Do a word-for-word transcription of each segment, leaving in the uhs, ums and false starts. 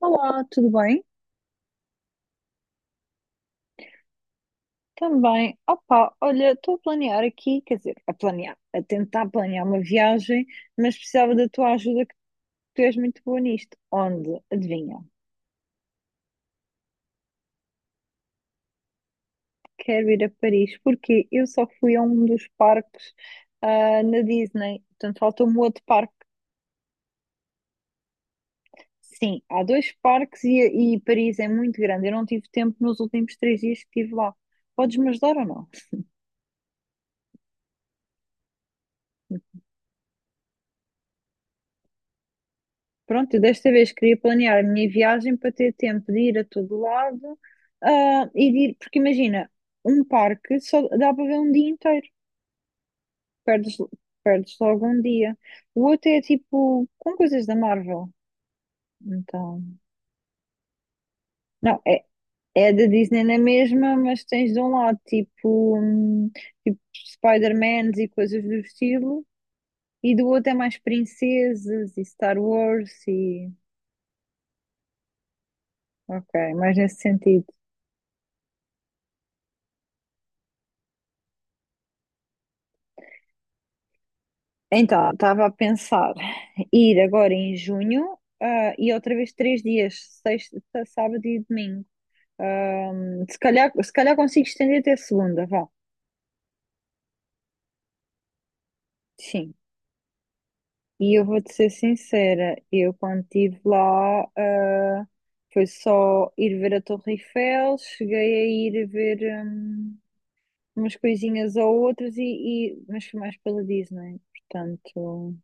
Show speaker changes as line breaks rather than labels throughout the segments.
Olá, tudo bem? Também, opa, olha, estou a planear aqui, quer dizer, a planear, a tentar planear uma viagem, mas precisava da tua ajuda, que tu és muito boa nisto. Onde? Adivinha? Quero ir a Paris, porque eu só fui a um dos parques, ah, na Disney, portanto falta-me outro parque. Sim, há dois parques e, e Paris é muito grande, eu não tive tempo nos últimos três dias que estive lá. Podes-me ajudar ou não? Pronto, eu desta vez queria planear a minha viagem para ter tempo de ir a todo lado, ah, e de ir, porque imagina, um parque só dá para ver um dia inteiro, perdes, perdes logo um dia. O outro é tipo com coisas da Marvel. Então, não, é, é da Disney na mesma, mas tens de um lado tipo, hum, tipo Spider-Mans e coisas do estilo, e do outro é mais princesas e Star Wars e ok, mais nesse sentido. Então, estava a pensar ir agora em junho, ah, e outra vez três dias, sexta, sábado e domingo. Ahm, se calhar, se calhar consigo estender até segunda, vá. Sim. E eu vou-te ser sincera, eu quando estive lá, ah, foi só ir ver a Torre Eiffel, cheguei a ir ver, hum, umas coisinhas ou outras, e, e- mas foi mais pela Disney, portanto,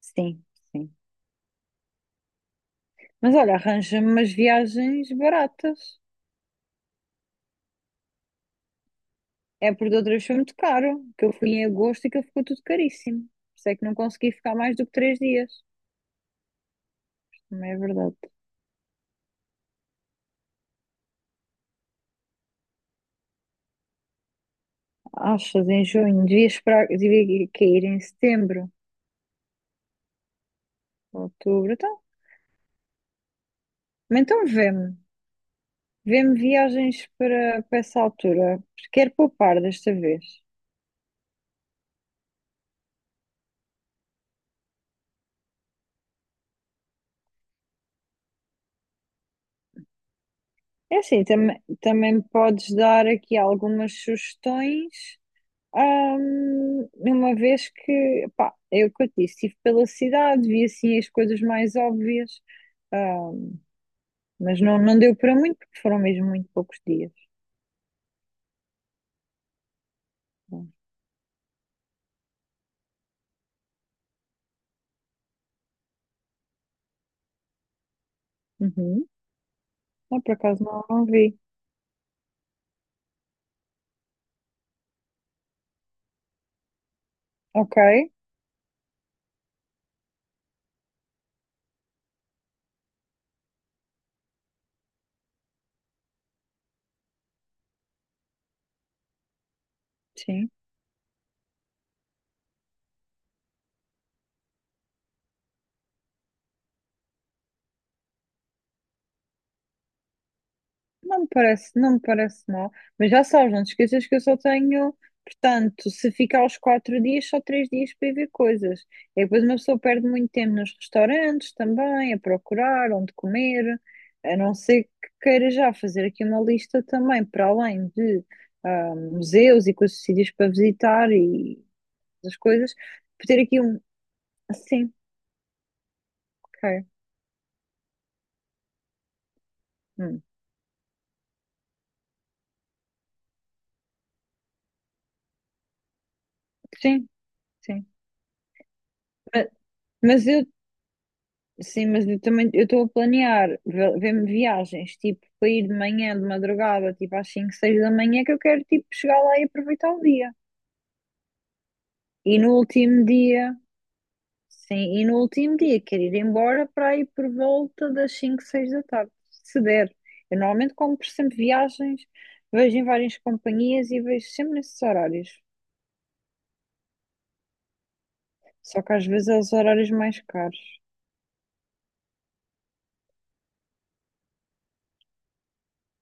sim, sim. Mas olha, arranja-me umas viagens baratas. É porque de outra vez foi muito caro, que eu fui em agosto e que ficou tudo caríssimo. Por isso é que não consegui ficar mais do que três dias. Também é verdade. Achas em junho? Devia esperar, devia cair em setembro, outubro. Então, mas então vê-me. Vê-me viagens para, para essa altura, porque quero poupar desta vez. É assim, também, também me podes dar aqui algumas sugestões. Ahm, uma vez que, pá, é o que eu te disse, estive pela cidade, vi assim as coisas mais óbvias. Ah, Mas não, não deu para muito, porque foram mesmo muito poucos dias. Uhum. Ah, por acaso não, não vi. Ok, sim. Não me parece, não me parece mal. Mas já sabes, não te esqueças que eu só tenho. Portanto, se ficar os quatro dias, só três dias para ir ver coisas. E depois uma pessoa perde muito tempo nos restaurantes também, a procurar onde comer. A não ser que queira já fazer aqui uma lista também, para além de ah, museus e coisas, sítios para visitar e as coisas, para ter aqui um. Sim, ok. Hum. Sim, sim. Ma- Mas, eu, sim, mas eu também eu estou a planear ve- ver-me viagens, tipo, para ir de manhã, de madrugada, tipo às cinco seis da manhã, que eu quero, tipo, chegar lá e aproveitar o dia. E no último dia, sim, e no último dia quero ir embora para ir por volta das cinco seis da tarde, se der. Eu normalmente compro sempre viagens, vejo em várias companhias e vejo sempre nesses horários. Só que às vezes é os horários mais caros.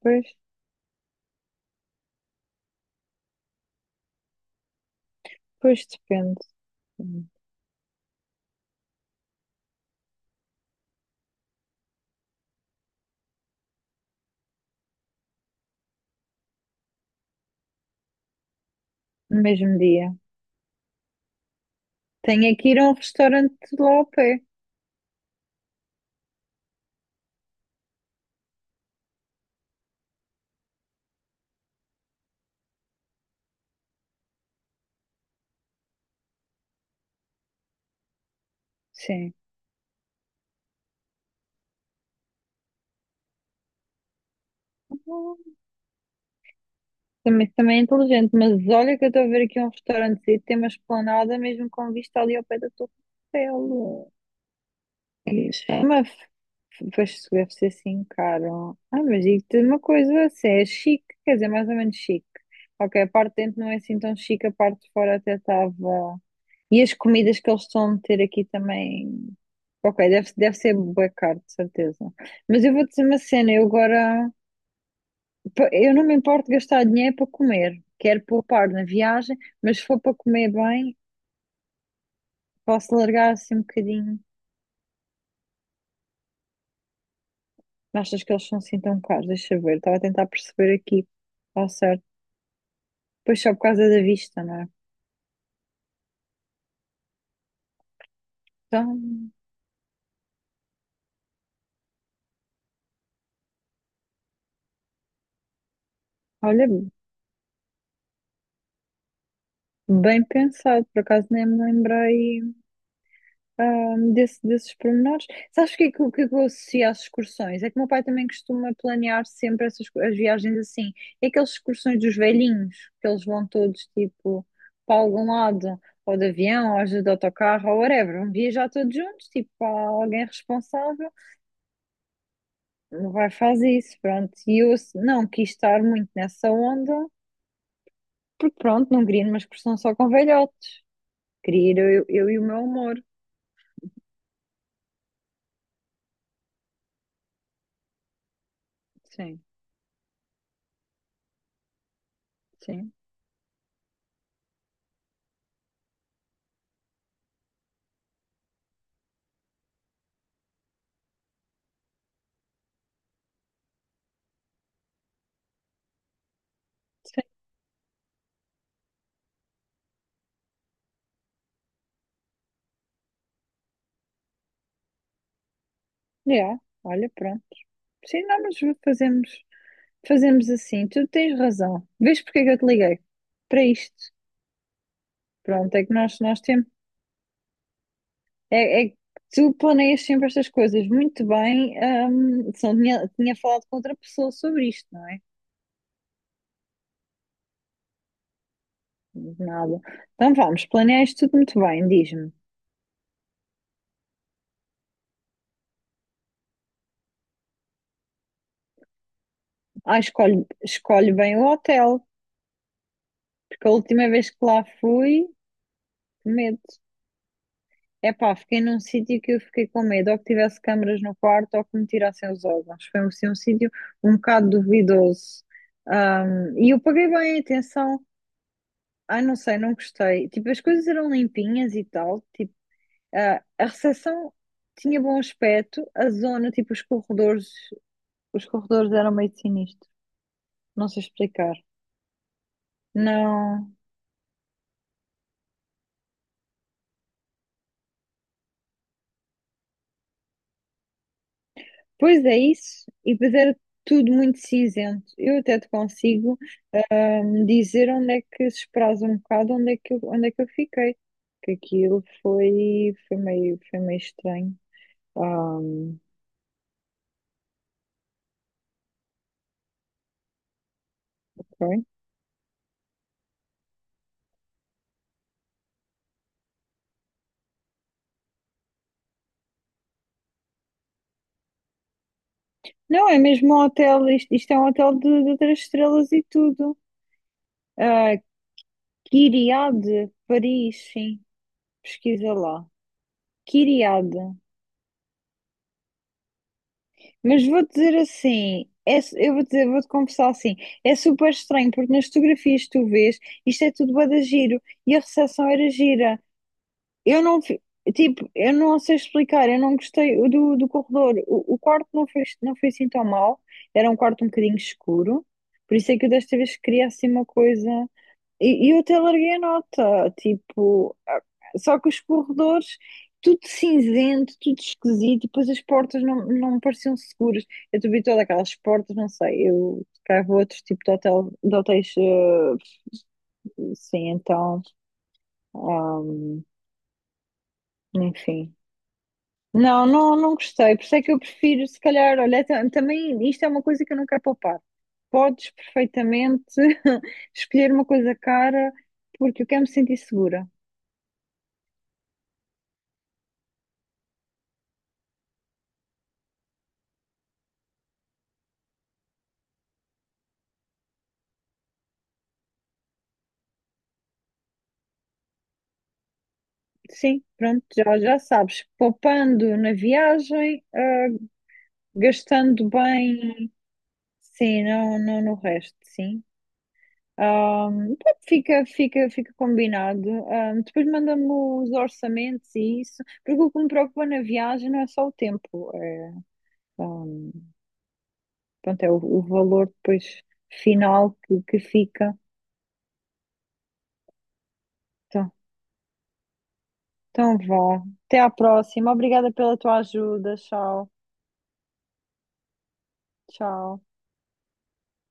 Pois, pois depende. No mesmo dia. Tenho aqui ir a um restaurante lá ao pé. Sim. Também, também é inteligente, mas olha que eu estou a ver aqui um restaurante que tem uma esplanada mesmo com vista ali ao pé da Torre Eiffel. Isso é. Pois isso deve ser assim caro. Ah, mas digo-te uma coisa, assim, é chique, quer dizer, mais ou menos chique. Ok, a parte de dentro não é assim tão chique, a parte de fora até estava. E as comidas que eles estão a meter aqui também. Ok, deve, deve ser bué caro, de certeza. Mas eu vou dizer uma cena, eu agora, pa- eu não me importo gastar dinheiro para comer. Quero poupar na viagem, mas se for para comer bem, posso largar assim um bocadinho. Achas que eles são assim tão caros? Deixa eu ver, estava a tentar perceber aqui. Está certo. Pois só por causa da vista, não é? Então, olha, bem pensado, por acaso nem me lembrei ahm, desse- desses pormenores. Sabes o que, é que, eu- o que é que eu associo às excursões? É que o meu pai também costuma planear sempre essas, co- as viagens assim. É aquelas excursões dos velhinhos, que eles vão todos tipo para algum lado, ou de avião, ou às vezes de autocarro, ou whatever. Vão viajar todos juntos, tipo, há alguém responsável. O vai fazer isso, pronto. E eu se- não quis estar muito nessa onda, porque pronto, não queria ir numa excursão só com velhote. Queria ir eu, eu e o meu amor. Sim, sim, sim. Yeah. Olha, pronto. Sim, não, mas fazemos, fazemos assim. Tu tens razão. Vês porque é que eu te liguei? Para isto. Pronto, é que nós, nós temos. É, é que tu planeias sempre estas coisas muito bem. hum, senão tinha, tinha falado com outra pessoa sobre isto, não é? Nada. Então vamos, planeia isto tudo muito bem, diz-me. Ah, escolhe, escolhe bem o hotel, porque a última vez que lá fui, medo. Epá, fiquei num sítio que eu fiquei com medo, ou que tivesse câmaras no quarto, ou que me tirassem os órgãos. Foi assim, um sítio um bocado duvidoso. Ahm, e eu paguei bem atenção. Ai, não sei, não gostei. Tipo, as coisas eram limpinhas e tal. Tipo, ah, a recepção tinha bom aspecto, a zona, tipo, os corredores, os corredores eram meio sinistros. Não sei explicar. Não. Pois é isso. E depois era tudo muito cinzento. Eu até te consigo me dizer onde é que se esperasse um bocado onde é que eu, onde é que eu fiquei. Que aquilo foi, foi meio, foi meio estranho. Ah, ok. Não, é mesmo um hotel, isto, isto é um hotel de, de três estrelas e tudo. Ah, Kyriade, Paris, sim, pesquisa lá. Kyriade. Mas vou dizer assim, é su- eu vou dizer, vou-te confessar assim, é super estranho, porque nas fotografias que tu vês, isto é tudo bué de giro, e a recepção era gira. Eu não, fi- tipo, eu não sei explicar, eu não gostei do, do corredor. O, o quarto não foi, não foi assim tão mal, era um quarto um bocadinho escuro, por isso é que eu desta vez queria assim uma coisa. E, e eu até larguei a nota, tipo, ah, só que os corredores, tudo cinzento, tudo esquisito, e depois as portas não, não me pareciam seguras. Eu também todas aquelas portas, não sei, eu cá vou outro tipo de hotel, de hotéis, eh, sim, então, ah, enfim. Não, não, não gostei. Por isso é que eu prefiro, se calhar, olha, ta- também isto é uma coisa que eu não quero poupar. Podes perfeitamente escolher uma coisa cara, porque eu quero me sentir segura. Sim, pronto, já, já sabes. Poupando na viagem, ah, gastando bem, sim, não, não no resto, sim. Ahm, pronto, fica, fica, fica combinado. Ahm, depois manda-me os orçamentos e isso, porque o que me preocupa na viagem não é só o tempo. É, ah, pronto, é o, o valor depois final que, que fica. Então, então vá. Até à próxima. Obrigada pela tua ajuda. Tchau. Tchau.